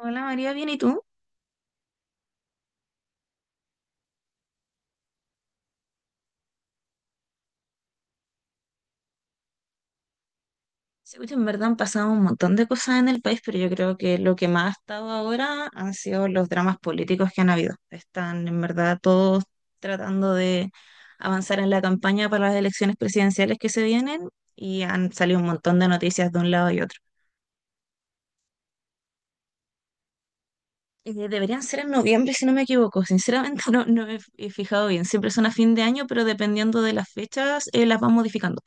Hola María, bien, ¿y tú? Sí, oye, en verdad han pasado un montón de cosas en el país, pero yo creo que lo que más ha estado ahora han sido los dramas políticos que han habido. Están en verdad todos tratando de avanzar en la campaña para las elecciones presidenciales que se vienen y han salido un montón de noticias de un lado y otro. Deberían ser en noviembre, si no me equivoco. Sinceramente no, no me he fijado bien. Siempre son a fin de año, pero dependiendo de las fechas, las van modificando.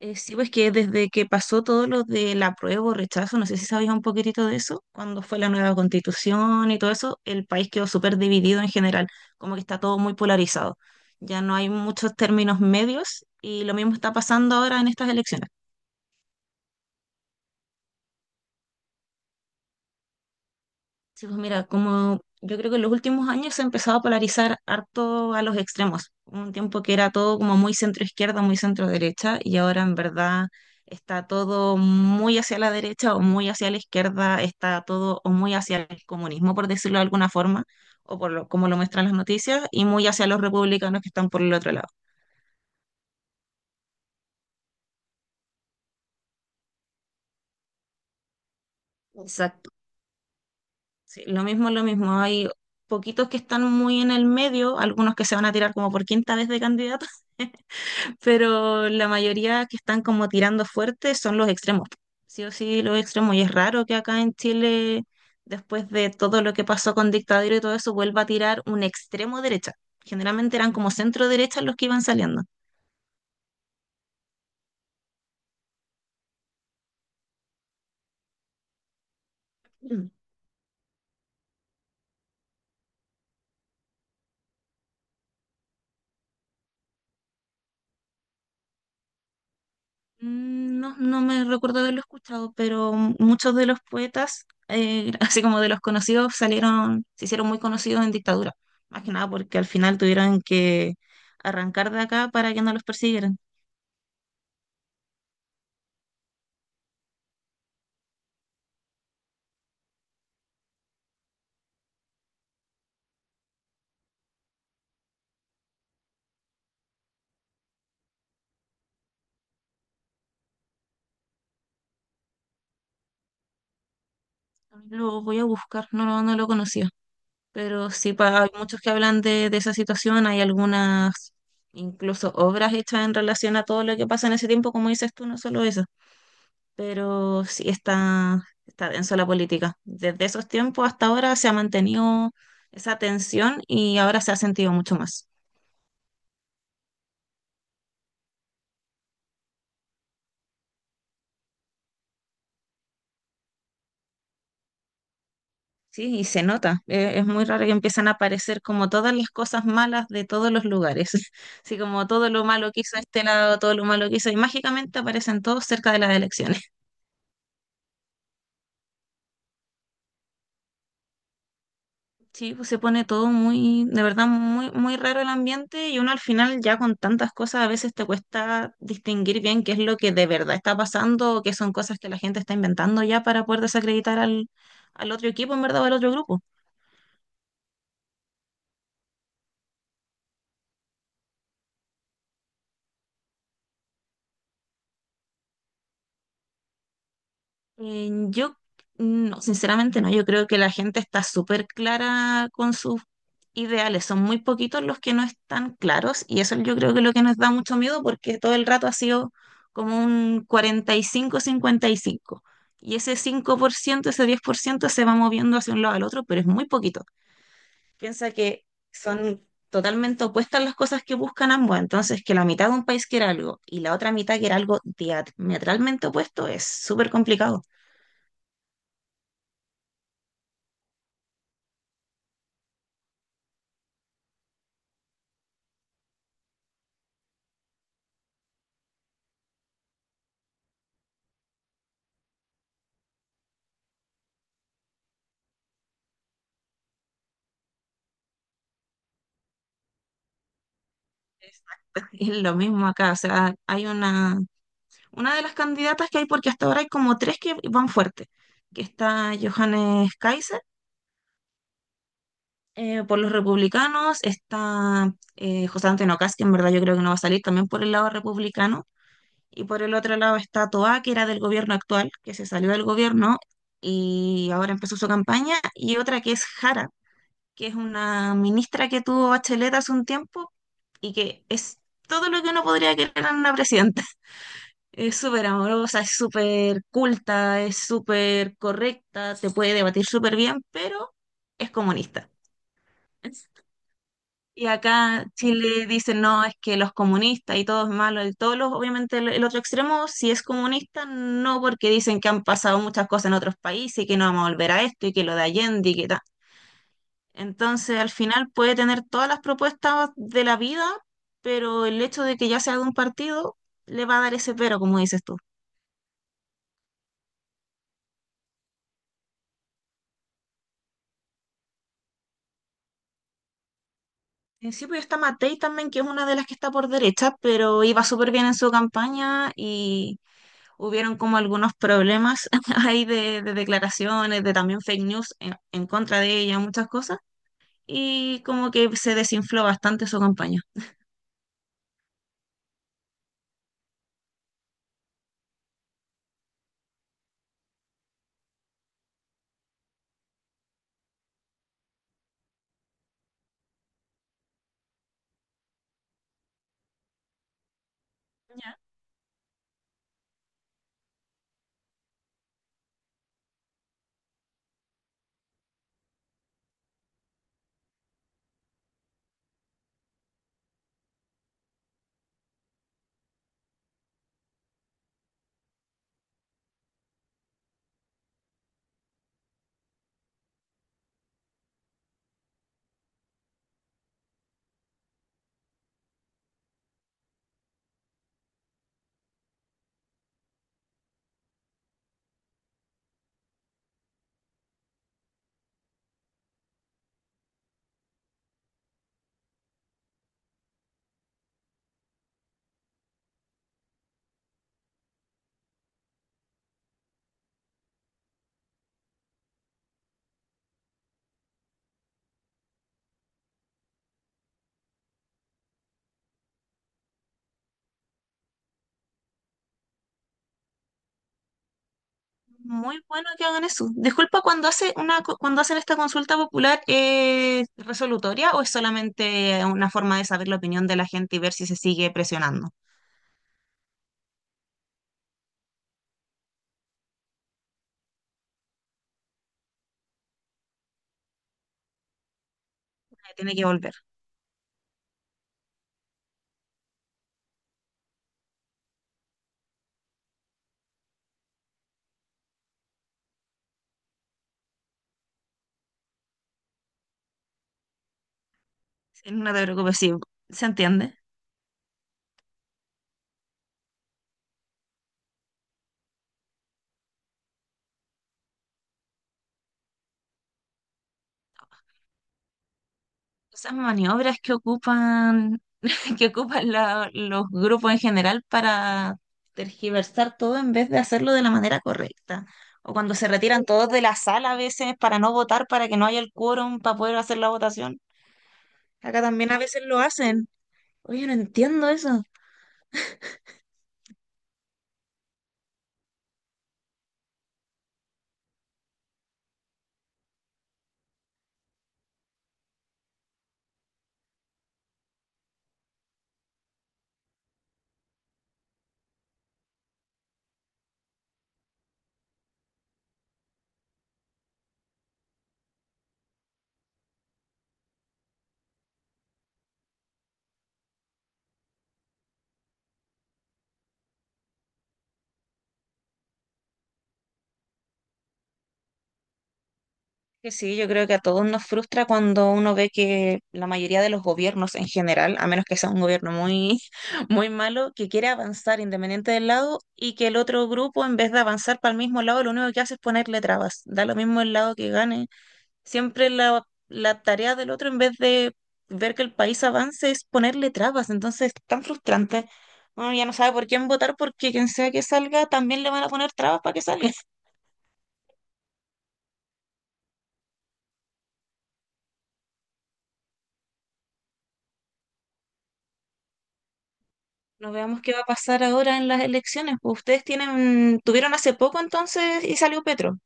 Sí, pues que desde que pasó todo lo del apruebo o rechazo, no sé si sabías un poquitito de eso, cuando fue la nueva constitución y todo eso, el país quedó súper dividido en general, como que está todo muy polarizado. Ya no hay muchos términos medios y lo mismo está pasando ahora en estas elecciones. Sí, pues mira, como yo creo que en los últimos años se ha empezado a polarizar harto a los extremos. Un tiempo que era todo como muy centro-izquierda, muy centro-derecha, y ahora en verdad está todo muy hacia la derecha o muy hacia la izquierda, está todo o muy hacia el comunismo, por decirlo de alguna forma, o por lo, como lo muestran las noticias, y muy hacia los republicanos que están por el otro lado. Exacto. Sí, lo mismo, lo mismo. Hay poquitos que están muy en el medio, algunos que se van a tirar como por quinta vez de candidato, pero la mayoría que están como tirando fuerte son los extremos. Sí o sí, los extremos. Y es raro que acá en Chile, después de todo lo que pasó con dictadura y todo eso, vuelva a tirar un extremo derecha. Generalmente eran como centro derecha los que iban saliendo. Mm. Mm, no, no me recuerdo haberlo escuchado, pero muchos de los poetas, así como de los conocidos, salieron, se hicieron muy conocidos en dictadura. Más que nada porque al final tuvieron que arrancar de acá para que no los persiguieran. Lo voy a buscar, no, no, no lo conocía, pero sí, hay muchos que hablan de esa situación, hay algunas incluso obras hechas en relación a todo lo que pasa en ese tiempo, como dices tú, no solo eso, pero sí está denso la política. Desde esos tiempos hasta ahora se ha mantenido esa tensión y ahora se ha sentido mucho más. Sí, y se nota. Es muy raro que empiezan a aparecer como todas las cosas malas de todos los lugares. Así como todo lo malo que hizo este lado, todo lo malo que hizo, y mágicamente aparecen todos cerca de las elecciones. Sí, pues se pone todo muy, de verdad, muy, muy raro el ambiente y uno al final ya con tantas cosas a veces te cuesta distinguir bien qué es lo que de verdad está pasando o qué son cosas que la gente está inventando ya para poder desacreditar al otro equipo, en verdad, o al otro grupo. Yo, no, sinceramente no, yo creo que la gente está súper clara con sus ideales, son muy poquitos los que no están claros y eso yo creo que es lo que nos da mucho miedo porque todo el rato ha sido como un 45-55, y ese 5%, ese 10% se va moviendo hacia un lado al otro, pero es muy poquito. Piensa que son totalmente opuestas las cosas que buscan ambos, entonces que la mitad de un país quiera algo y la otra mitad quiera algo diametralmente opuesto es súper complicado. Exacto. Es lo mismo acá, o sea, hay una de las candidatas que hay, porque hasta ahora hay como tres que van fuerte, que está Johannes Kaiser por los republicanos, está José Antonio Kast, que en verdad yo creo que no va a salir también por el lado republicano, y por el otro lado está Toá, que era del gobierno actual, que se salió del gobierno y ahora empezó su campaña, y otra que es Jara, que es una ministra que tuvo Bachelet hace un tiempo y que es todo lo que uno podría querer en una presidenta. Es súper amorosa, es súper culta, es súper correcta, se puede debatir súper bien, pero es comunista. Y acá en Chile dicen, no, es que los comunistas y todo es malo, y todos los, obviamente el otro extremo, si es comunista, no, porque dicen que han pasado muchas cosas en otros países y que no vamos a volver a esto y que lo de Allende y que tal. Entonces, al final puede tener todas las propuestas de la vida, pero el hecho de que ya sea de un partido le va a dar ese pero, como dices tú. En sí, pues está Matei también, que es una de las que está por derecha, pero iba súper bien en su campaña y hubieron como algunos problemas ahí de declaraciones, de también fake news en contra de ella, muchas cosas, y como que se desinfló bastante su campaña. Ya. Muy bueno que hagan eso. Disculpa, cuando hacen esta consulta popular, ¿es resolutoria o es solamente una forma de saber la opinión de la gente y ver si se sigue presionando? Tiene que volver. Sí, no te preocupes, sí, se entiende. Esas maniobras que ocupan, que ocupan los grupos en general para tergiversar todo en vez de hacerlo de la manera correcta. O cuando se retiran todos de la sala a veces para no votar, para que no haya el quórum para poder hacer la votación. Acá también a veces lo hacen. Oye, no entiendo eso. Que sí, yo creo que a todos nos frustra cuando uno ve que la mayoría de los gobiernos en general, a menos que sea un gobierno muy, muy malo, que quiere avanzar independiente del lado y que el otro grupo, en vez de avanzar para el mismo lado, lo único que hace es ponerle trabas. Da lo mismo el lado que gane. Siempre la tarea del otro, en vez de ver que el país avance, es ponerle trabas. Entonces, es tan frustrante. Uno ya no sabe por quién votar porque quien sea que salga, también le van a poner trabas para que salga. No, veamos qué va a pasar ahora en las elecciones. Pues ustedes tienen, tuvieron hace poco entonces y salió Petro.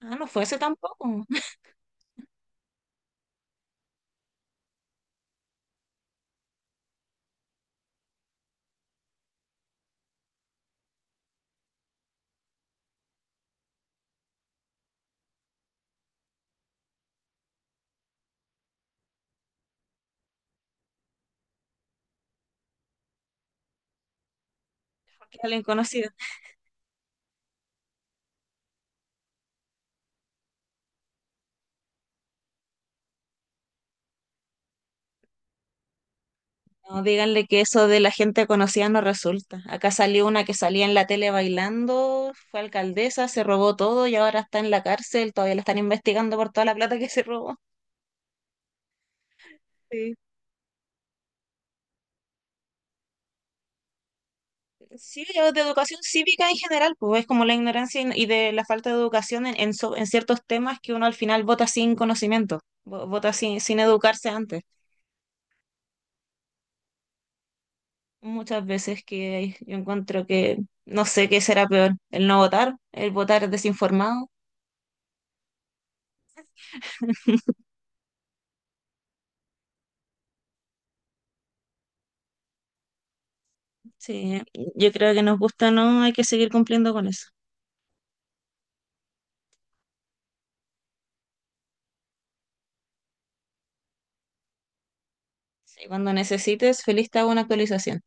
Ah, no fue hace tampoco, porque alguien conocido. No, díganle que eso de la gente conocida no resulta. Acá salió una que salía en la tele bailando, fue alcaldesa, se robó todo y ahora está en la cárcel, todavía la están investigando por toda la plata que se robó. Sí. Sí, yo de educación cívica en general, pues es como la ignorancia y de la falta de educación en, en ciertos temas que uno al final vota sin conocimiento, vota sin educarse antes. Muchas veces que yo encuentro que no sé qué será peor, el no votar, el votar desinformado. Sí, yo creo que nos gusta, ¿no? Hay que seguir cumpliendo con eso. Sí, cuando necesites, feliz te hago una actualización.